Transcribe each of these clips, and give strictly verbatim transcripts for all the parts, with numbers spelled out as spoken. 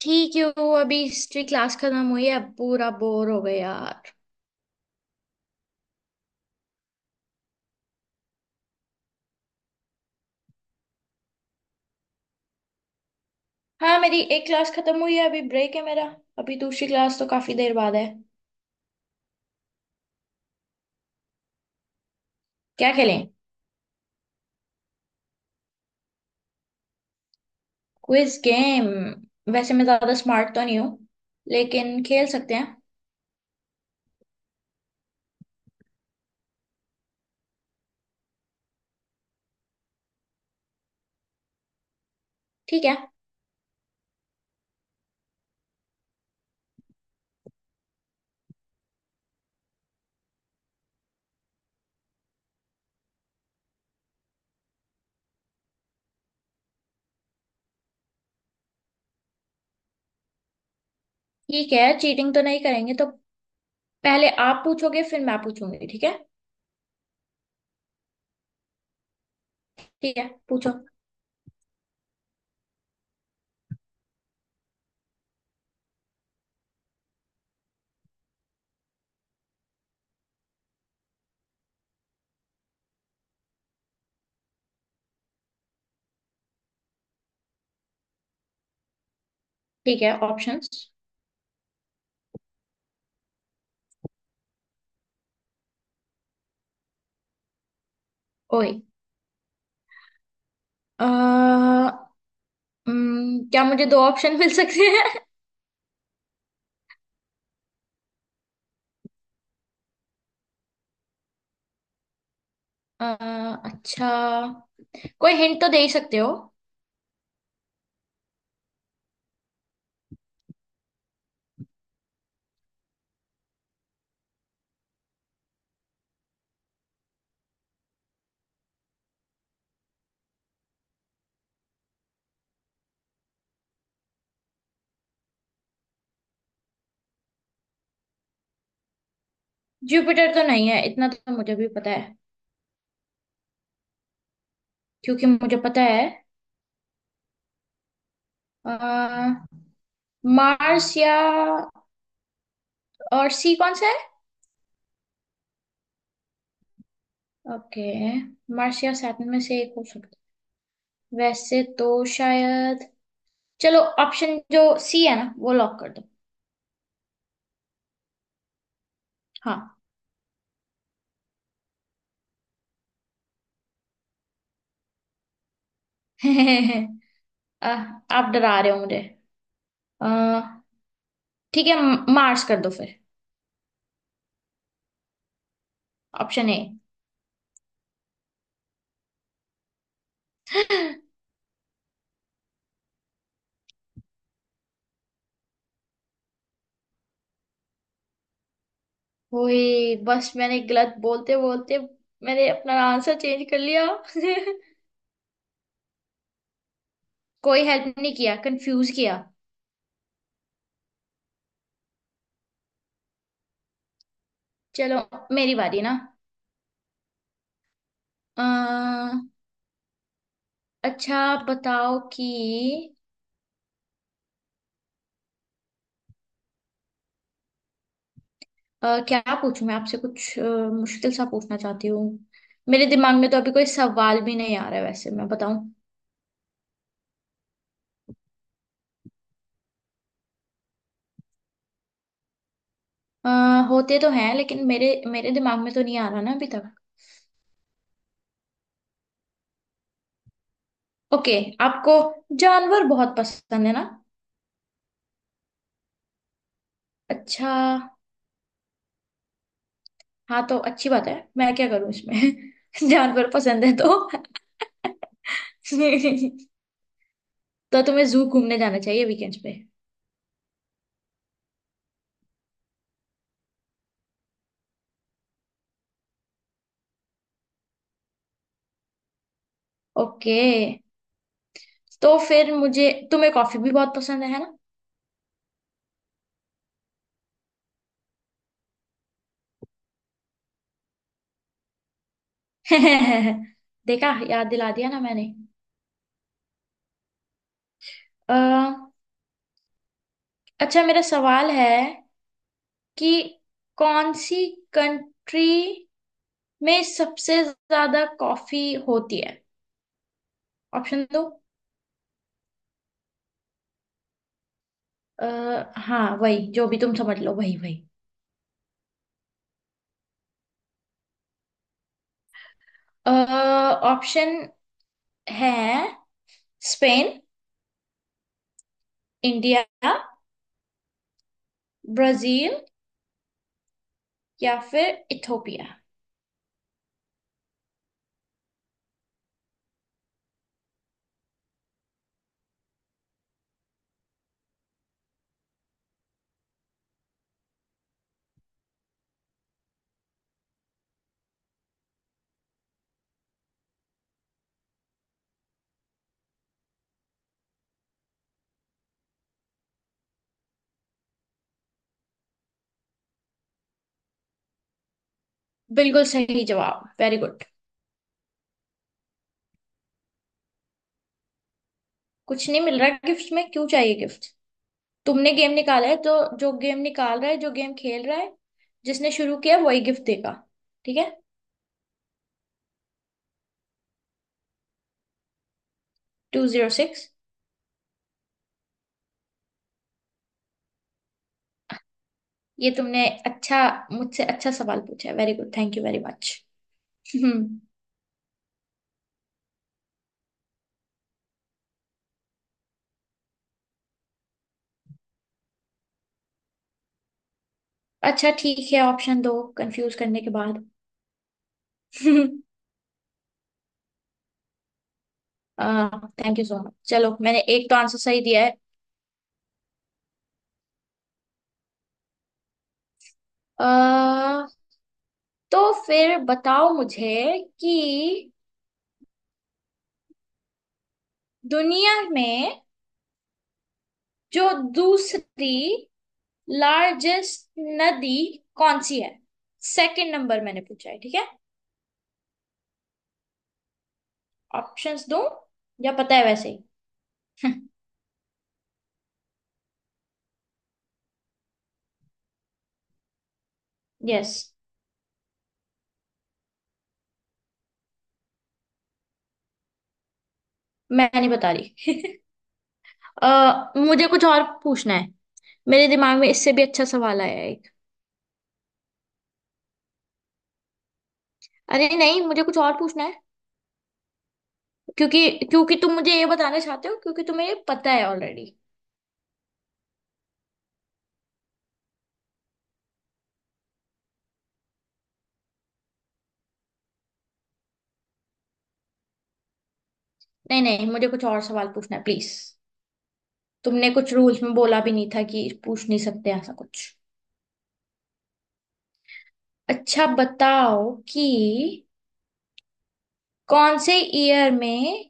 ठीक है। वो अभी हिस्ट्री क्लास खत्म हुई है। अब पूरा बोर हो गया यार। हाँ, मेरी एक क्लास खत्म हुई है, अभी ब्रेक है मेरा। अभी दूसरी क्लास तो काफी देर बाद है। क्या खेलें। Quiz game. वैसे मैं ज्यादा स्मार्ट तो नहीं हूँ, लेकिन खेल सकते हैं। ठीक है। ठीक है, चीटिंग तो नहीं करेंगे तो पहले आप पूछोगे, फिर मैं पूछूंगी, ठीक है। ठीक है, पूछो। ठीक है, ऑप्शंस। ओए। अ, हम्म, क्या मुझे दो ऑप्शन मिल सकते हैं। अ, अच्छा, कोई हिंट तो दे ही सकते हो। जुपिटर तो नहीं है, इतना तो मुझे भी पता है। क्योंकि मुझे पता है। आ, मार्स या और सी कौन सा है। ओके। मार्स या सैटर्न में से एक हो सकता है वैसे तो शायद। चलो, ऑप्शन जो सी है ना, वो लॉक कर दो। हाँ। आ, आप डरा रहे हो मुझे। आ, ठीक है, मार्स कर दो फिर। Option A. ओए, बस मैंने गलत बोलते बोलते मैंने अपना आंसर चेंज कर लिया। कोई हेल्प नहीं किया, कंफ्यूज किया। चलो, मेरी बारी ना। अ, अच्छा बताओ कि अ, क्या पूछूं मैं आपसे कुछ, अ, मुश्किल सा पूछना चाहती हूँ। मेरे दिमाग में तो अभी कोई सवाल भी नहीं आ रहा है वैसे, मैं बताऊं। अ, होते तो हैं, लेकिन मेरे मेरे दिमाग में तो नहीं आ रहा ना अभी तक। ओके, आपको जानवर बहुत पसंद है ना। अच्छा। हाँ, तो अच्छी बात है, मैं क्या करूं इसमें। जानवर पसंद है तो तो तुम्हें जू घूमने जाना चाहिए वीकेंड्स पे। ओके, तो फिर मुझे, तुम्हें कॉफी भी बहुत पसंद है ना। देखा, याद दिला दिया ना मैंने। अ, अच्छा, मेरा सवाल है कि कौन सी कंट्री में सबसे ज्यादा कॉफी होती है। ऑप्शन दो। आ, हाँ, वही, जो भी तुम समझ लो वही वही। ऑप्शन है स्पेन, इंडिया, ब्राजील, या फिर इथोपिया। बिल्कुल सही जवाब, वेरी गुड। कुछ नहीं मिल रहा गिफ्ट में, क्यों चाहिए गिफ्ट। तुमने गेम निकाला है तो जो गेम निकाल रहा है, जो गेम खेल रहा है, जिसने शुरू किया, वही गिफ्ट देगा, ठीक है। Two zero six. ये तुमने अच्छा, मुझसे अच्छा सवाल पूछा है। Very good, thank you very much. हम्म। अच्छा, ठीक है, ऑप्शन दो, कंफ्यूज करने के बाद। थैंक यू सो मच, चलो मैंने एक तो आंसर सही दिया है। अह तो फिर बताओ मुझे कि दुनिया में जो दूसरी लार्जेस्ट नदी कौन सी है। सेकंड नंबर मैंने पूछा है, ठीक है। ऑप्शंस दो, या पता है वैसे ही। यस। मैं नहीं बता रही। अ, मुझे कुछ और पूछना है। मेरे दिमाग में इससे भी अच्छा सवाल आया है एक। अरे नहीं, मुझे कुछ और पूछना है। क्योंकि क्योंकि तुम मुझे ये बताना चाहते हो, क्योंकि तुम्हें ये पता है ऑलरेडी। नहीं नहीं, मुझे कुछ और सवाल पूछना है प्लीज। तुमने कुछ रूल्स में बोला भी नहीं था कि पूछ नहीं सकते ऐसा कुछ। अच्छा बताओ कि कौन से ईयर में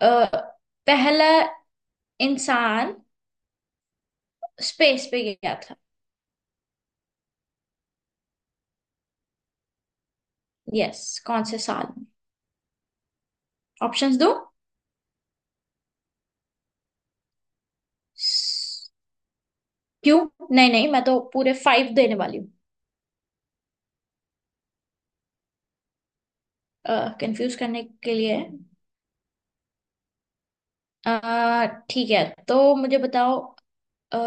अ, पहला इंसान स्पेस पे गया था। यस, कौन से साल में। ऑप्शंस दो। स- क्यों। नहीं नहीं, मैं तो पूरे फाइव देने वाली हूँ। कंफ्यूज करने के लिए। अ, ठीक है, तो मुझे बताओ, अ,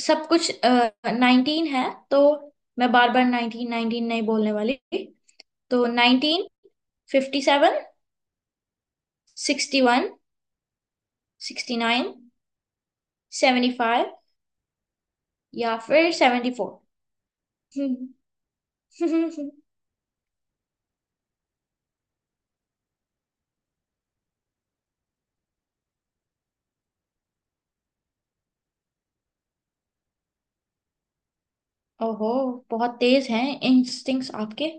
सब कुछ नाइनटीन है, तो मैं बार बार नाइनटीन नाइनटीन नहीं बोलने वाली। तो nineteen fifty seven, sixty one, sixty nine, seventy five, या फिर सेवेंटी फोर। ओहो, बहुत तेज हैं इंस्टिंक्ट्स आपके।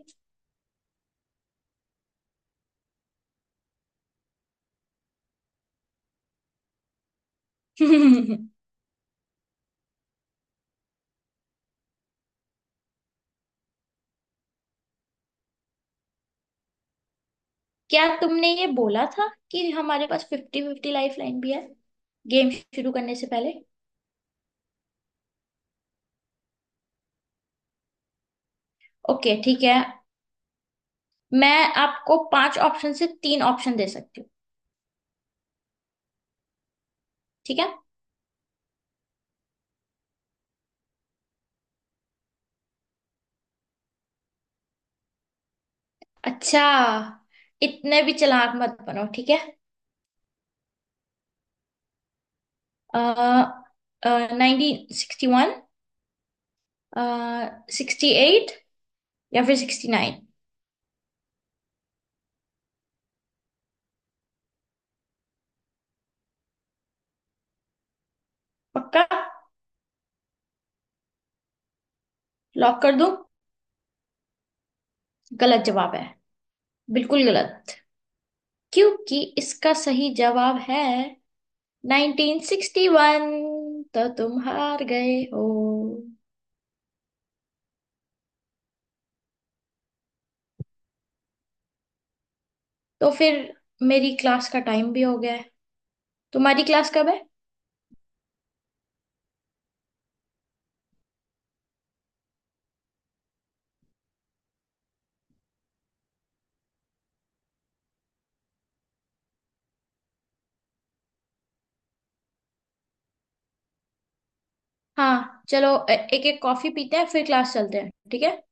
क्या तुमने ये बोला था कि हमारे पास फिफ्टी फिफ्टी लाइफ लाइन भी है, गेम शुरू करने से पहले। ओके, ठीक है, मैं आपको पांच ऑप्शन से तीन ऑप्शन दे सकती हूँ। ठीक है। अच्छा, इतने भी चालाक मत बनो, ठीक है। Nineteen sixty one, sixty eight, या फिर सिक्सटी नाइन। पक्का, लॉक कर दूं। गलत जवाब है, बिल्कुल गलत। क्योंकि इसका सही जवाब है नाइनटीन सिक्सटी वन। तो तुम हार गए हो। तो फिर मेरी क्लास का टाइम भी हो गया है, तुम्हारी क्लास कब है। हाँ चलो, एक एक कॉफी पीते हैं, फिर क्लास चलते हैं, ठीक है।